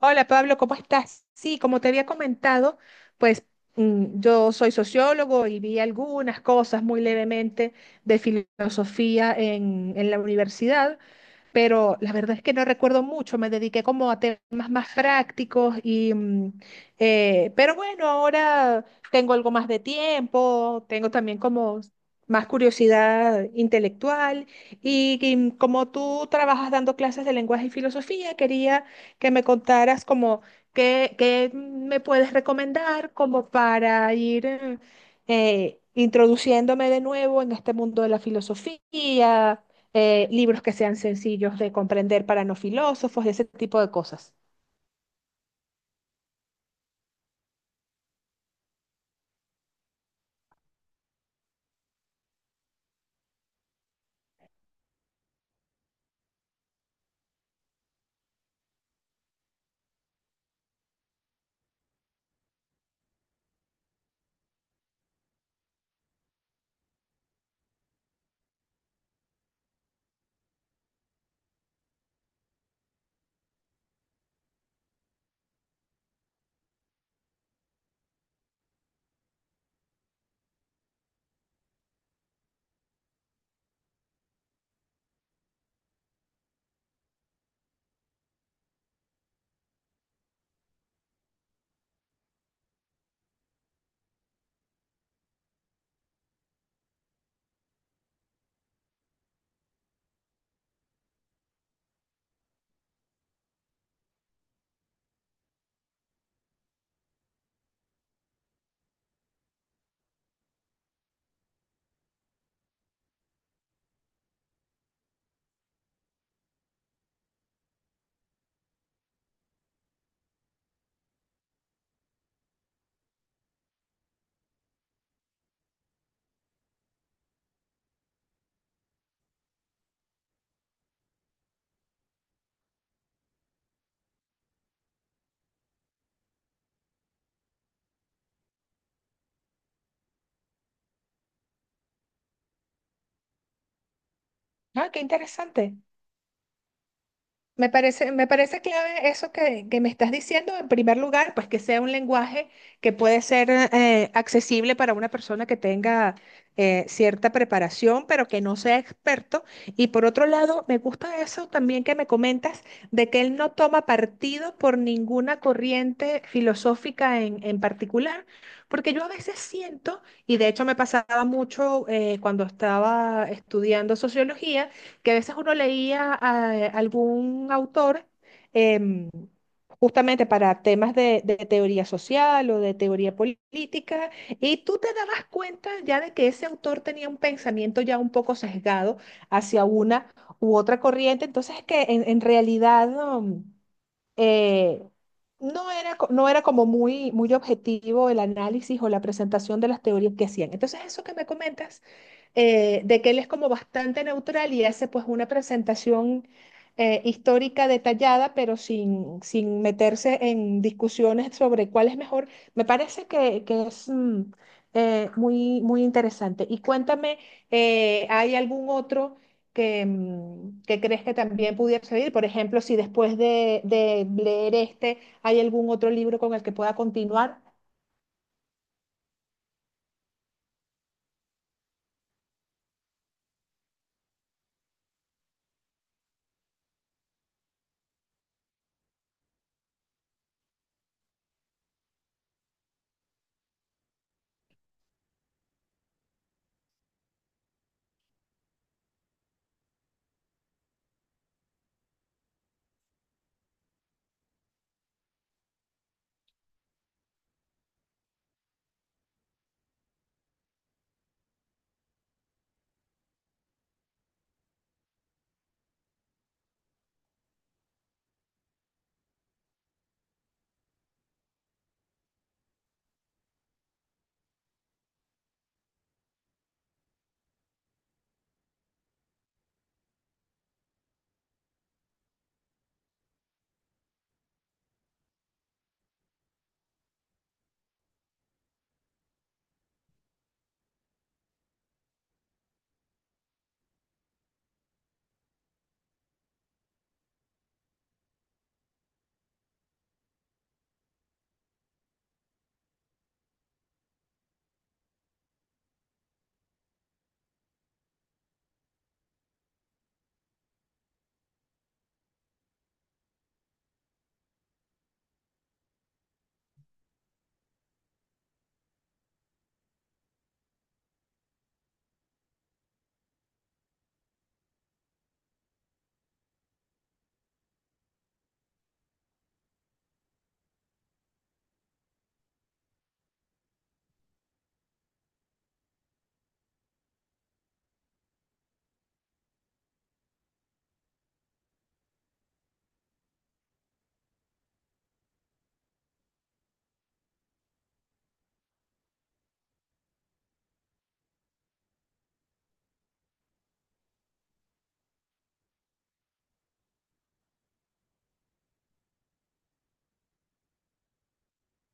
Hola Pablo, ¿cómo estás? Sí, como te había comentado, pues yo soy sociólogo y vi algunas cosas muy levemente de filosofía en la universidad, pero la verdad es que no recuerdo mucho, me dediqué como a temas más prácticos y pero bueno, ahora tengo algo más de tiempo, tengo también como más curiosidad intelectual y como tú trabajas dando clases de lenguaje y filosofía, quería que me contaras como qué me puedes recomendar como para ir, introduciéndome de nuevo en este mundo de la filosofía, libros que sean sencillos de comprender para no filósofos y ese tipo de cosas. Ah, qué interesante. Me parece clave eso que me estás diciendo. En primer lugar, pues que sea un lenguaje que puede ser accesible para una persona que tenga cierta preparación, pero que no sea experto. Y por otro lado, me gusta eso también que me comentas de que él no toma partido por ninguna corriente filosófica en particular, porque yo a veces siento, y de hecho me pasaba mucho cuando estaba estudiando sociología, que a veces uno leía a algún autor em, justamente para temas de teoría social o de teoría política, y tú te dabas cuenta ya de que ese autor tenía un pensamiento ya un poco sesgado hacia una u otra corriente, entonces que en realidad... no, eh, no era como muy objetivo el análisis o la presentación de las teorías que hacían. Entonces, eso que me comentas, de que él es como bastante neutral y hace pues una presentación histórica detallada, pero sin meterse en discusiones sobre cuál es mejor, me parece que es muy interesante. Y cuéntame, ¿hay algún otro que que crees que también pudiera servir? Por ejemplo, si después de leer este hay algún otro libro con el que pueda continuar.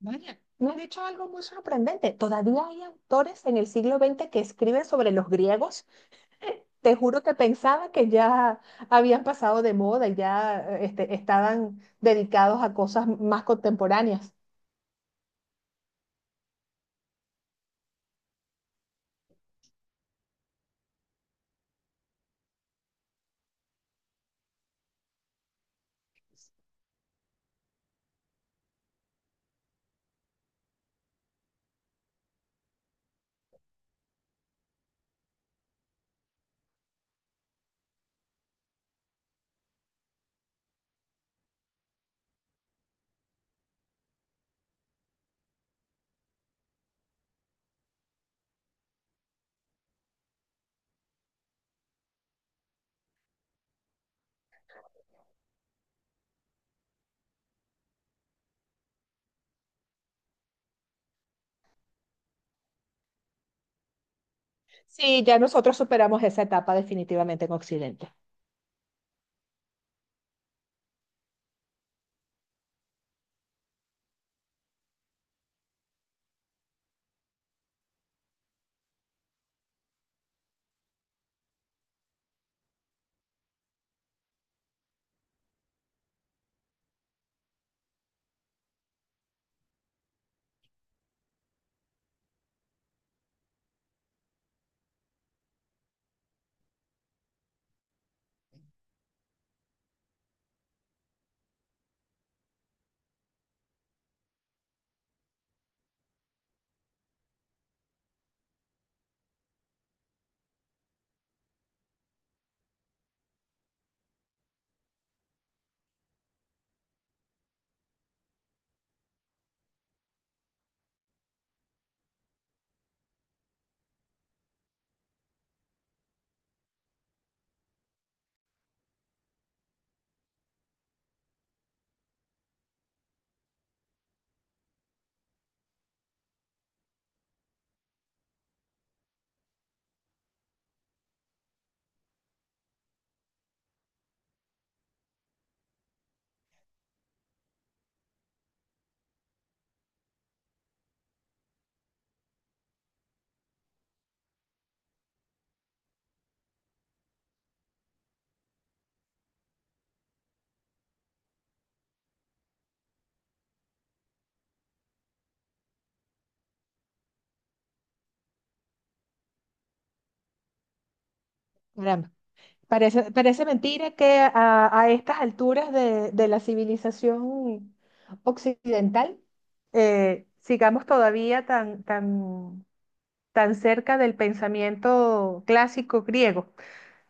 Vaya, me has dicho algo muy sorprendente. Todavía hay autores en el siglo XX que escriben sobre los griegos. Te juro que pensaba que ya habían pasado de moda y ya estaban dedicados a cosas más contemporáneas. Sí, ya nosotros superamos esa etapa definitivamente en Occidente. Caramba, parece mentira que a estas alturas de la civilización occidental sigamos todavía tan cerca del pensamiento clásico griego.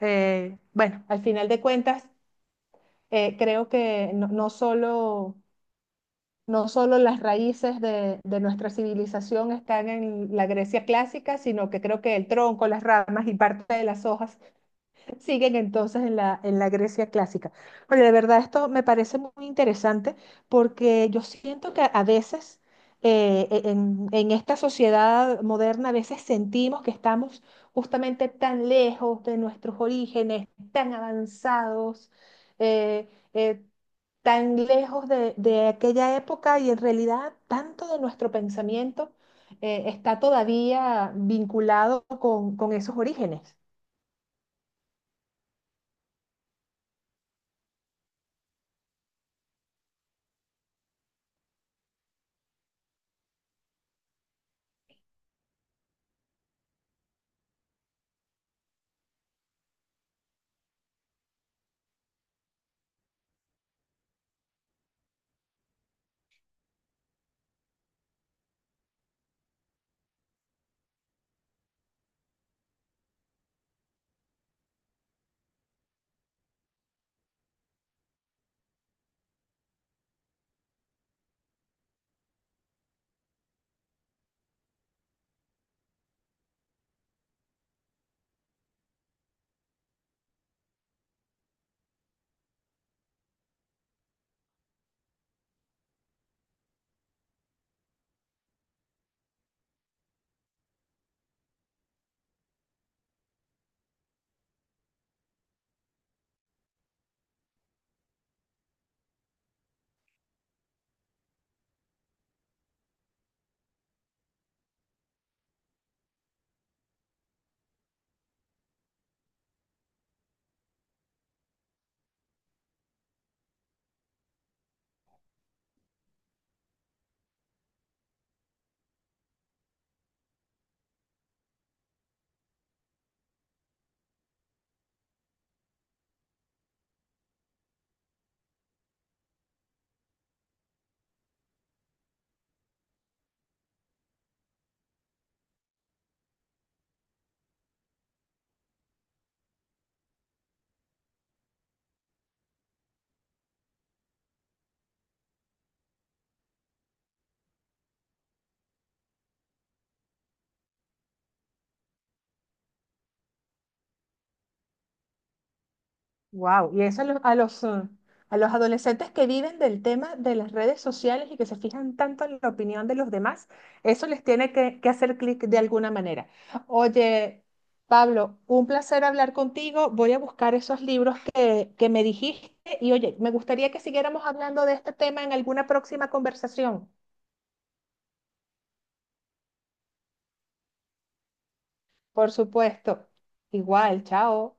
Bueno, al final de cuentas, creo que no solo no solo las raíces de nuestra civilización están en la Grecia clásica, sino que creo que el tronco, las ramas y parte de las hojas siguen entonces en en la Grecia clásica. Oye, de verdad esto me parece muy interesante porque yo siento que a veces en esta sociedad moderna, a veces sentimos que estamos justamente tan lejos de nuestros orígenes, tan avanzados, eh, eh, tan lejos de aquella época y en realidad tanto de nuestro pensamiento está todavía vinculado con esos orígenes. Wow, y eso a a los adolescentes que viven del tema de las redes sociales y que se fijan tanto en la opinión de los demás, eso les tiene que hacer clic de alguna manera. Oye, Pablo, un placer hablar contigo. Voy a buscar esos libros que me dijiste y oye, me gustaría que siguiéramos hablando de este tema en alguna próxima conversación. Por supuesto. Igual, chao.